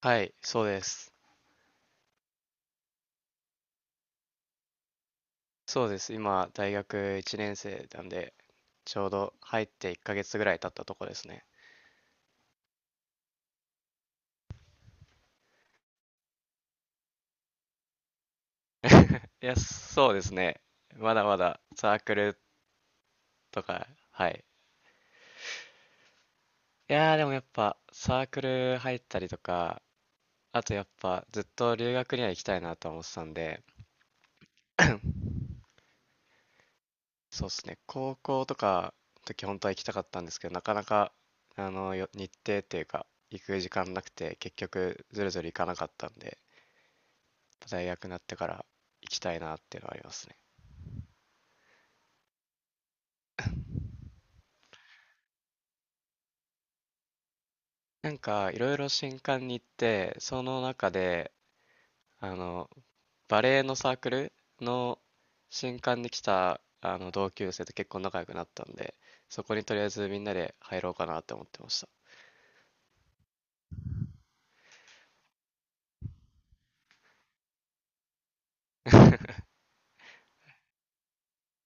はい、そうです。そうです。今、大学1年生なんで、ちょうど入って1ヶ月ぐらい経ったとこですね。いや、そうですね。まだまだサークルとか、はい。いやー、でもやっぱサークル入ったりとか、あとやっぱずっと留学には行きたいなとは思ってたんで、そうっすね。高校とかの時本当は行きたかったんですけど、なかなか、日程っていうか、行く時間なくて、結局ずるずる行かなかったんで、大学になってから行きたいなっていうのはありますね。なんかいろいろ新歓に行って、その中であのバレエのサークルの新歓に来たあの同級生と結構仲良くなったんで、そこにとりあえずみんなで入ろうかなって思ってました。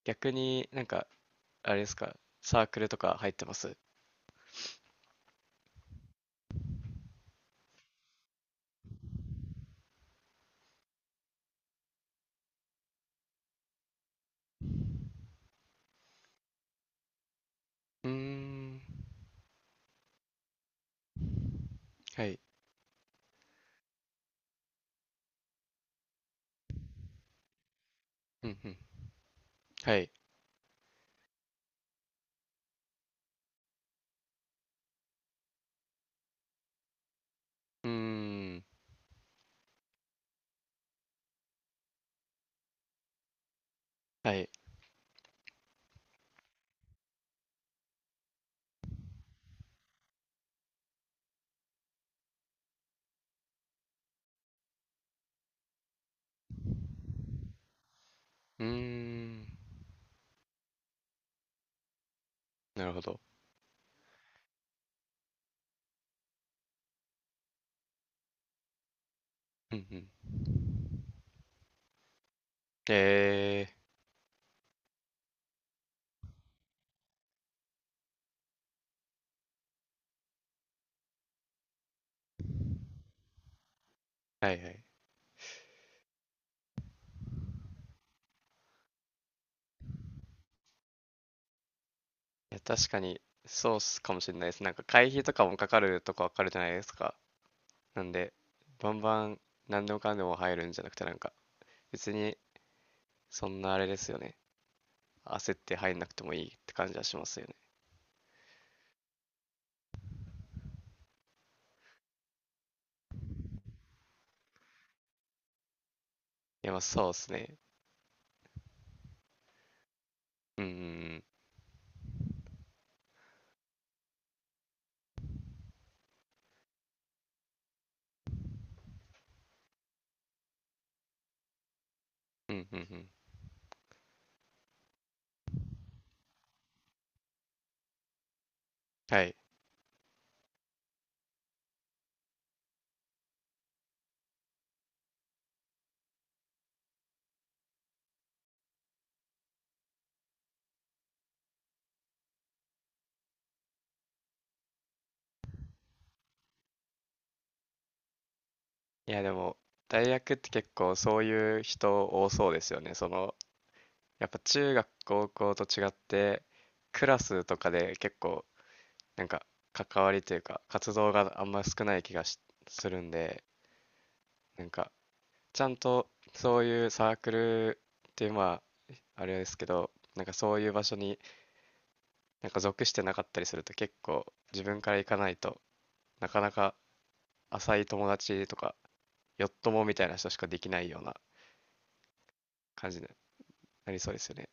逆になんかあれですか、サークルとか入ってます？うーん、はい、うんうん、はい、うーん、はい、うーん、なるほど、うんうん、えー、はいはい。いや、確かに、そうっすかもしれないです。なんか会費とかもかかるとこわかるじゃないですか。なんで、バンバン何でもかんでも入るんじゃなくて、なんか、別にそんなあれですよね。焦って入んなくてもいいって感じはしますよね。いや、まあそうっすね。うんうんうん。うんうんうん。はい。いや、でも、大学って結構そういう人多そうですよね。その、やっぱ中学、高校と違って、クラスとかで結構なんか関わりというか活動があんま少ない気がしするんで、なんかちゃんとそういうサークルっていうまああれですけど、なんかそういう場所になんか属してなかったりすると結構自分から行かないとなかなか浅い友達とかよっともみたいな人しかできないような感じになりそうですよね。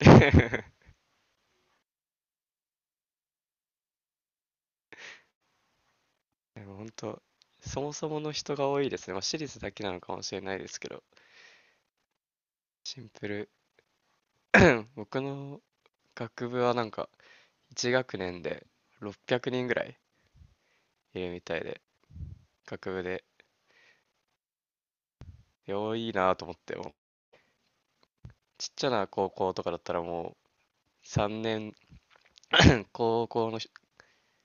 でも本当そもそもの人が多いですね。まあ、私立だけなのかもしれないですけど、シンプル。僕の学部はなんか1学年で600人ぐらいいるみたいで、学部で。いいなと思って、もうちっちゃな高校とかだったらもう3年、高校の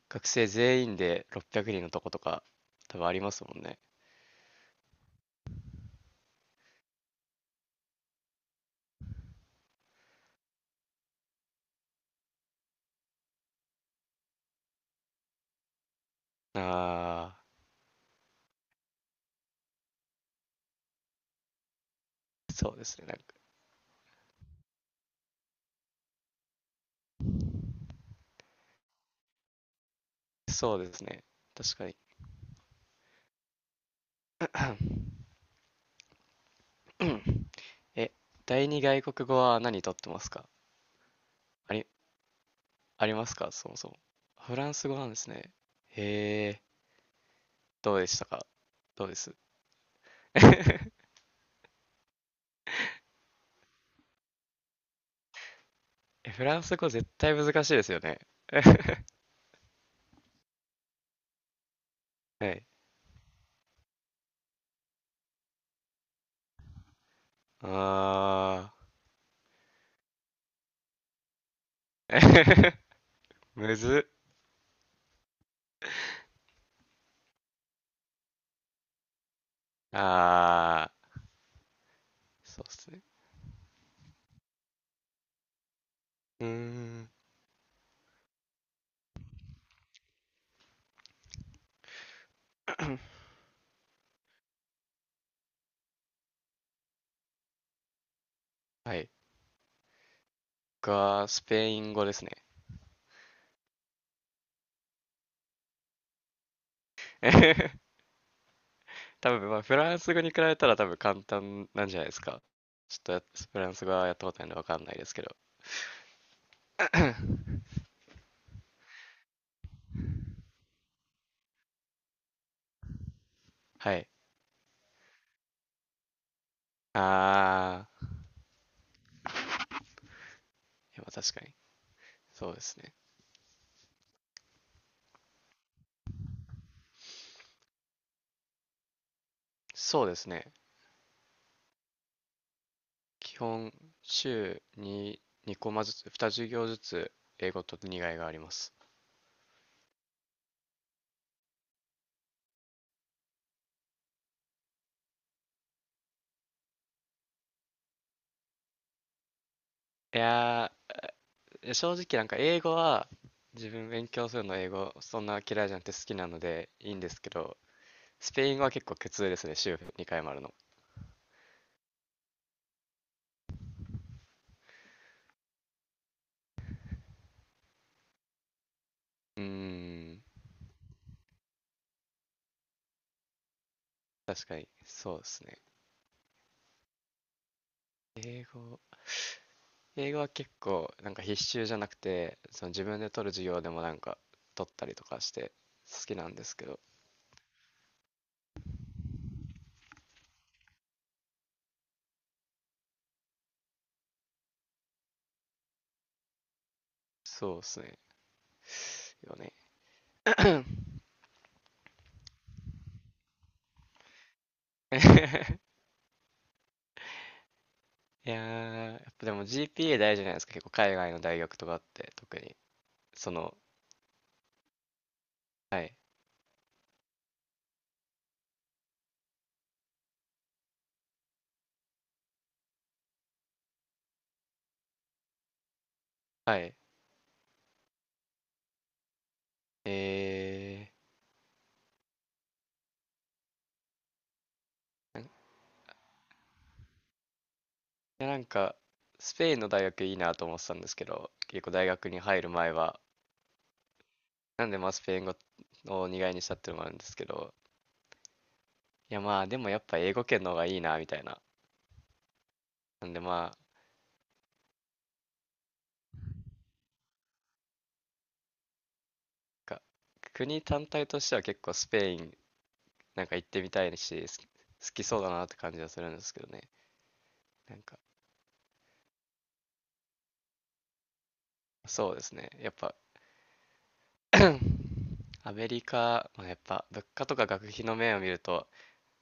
学生全員で600人のとことか多分ありますもんね。ああ、そうですね、なんか。そうですね、確かに え、第二外国語は何とってますか？あり、ありますかそもそも？フランス語なんですね。へえ、どうでしたか？どうです？ え、フランス語絶対難しいですよね。はい。あー。むずっ。あー。そうっすね。うーん。はい。僕はスペイン語ですね。多分、まあ、フランス語に比べたら多分簡単なんじゃないですか。ちょっとやフランス語はやったことないんでわかんないですけど。はい。あー。いやまあ確かに。そうですね。そうですね。基本、週に2コマずつ、2授業ずつ英語と2外があります。いやー、正直なんか英語は自分勉強するの英語そんな嫌いじゃなくて好きなのでいいんですけど、スペイン語は結構苦痛ですね、週2回もあるの。うーん、確かにそうですね。英語、英語は結構なんか必修じゃなくて、その自分で取る授業でもなんか取ったりとかして好きなんですけど、そうですね。よね。いやー、やっぱでも GPA 大事じゃないですか、結構海外の大学とかって特に。その、はい、はい。えー、いやなんか、スペインの大学いいなと思ってたんですけど、結構大学に入る前は、なんでまあスペイン語を苦いにしたっていうのもあるんですけど、いやまあでもやっぱ英語圏の方がいいなみたいな。なんでまあ、か国単体としては結構スペインなんか行ってみたいし、好きそうだなって感じはするんですけどね。なんか、そうですね。やっぱ アメリカ、まあ、やっぱ物価とか学費の面を見ると、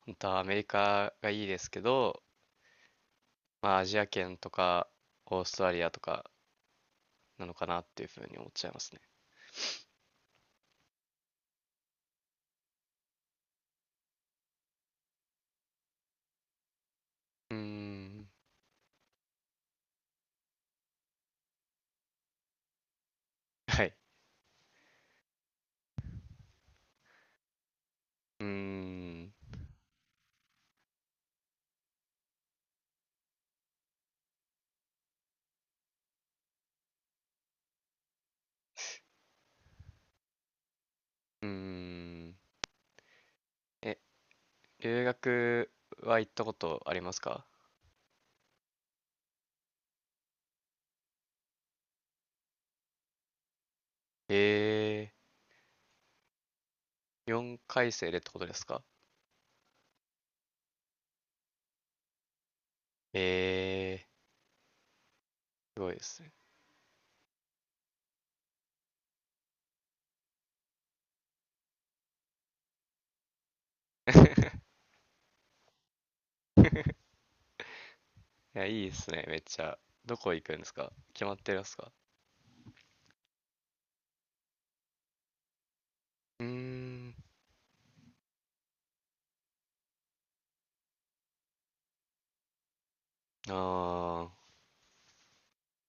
本当はアメリカがいいですけど、まあアジア圏とかオーストラリアとかなのかなっていうふうに思っちゃいますね。うーん、はい。うーん、うーん。え、留学は行ったことありますか？えー、4回生でってことですか？えー、すごいですね。いや、いいですね、めっちゃ。どこ行くんですか？決まってるんですか？うーん、ああ。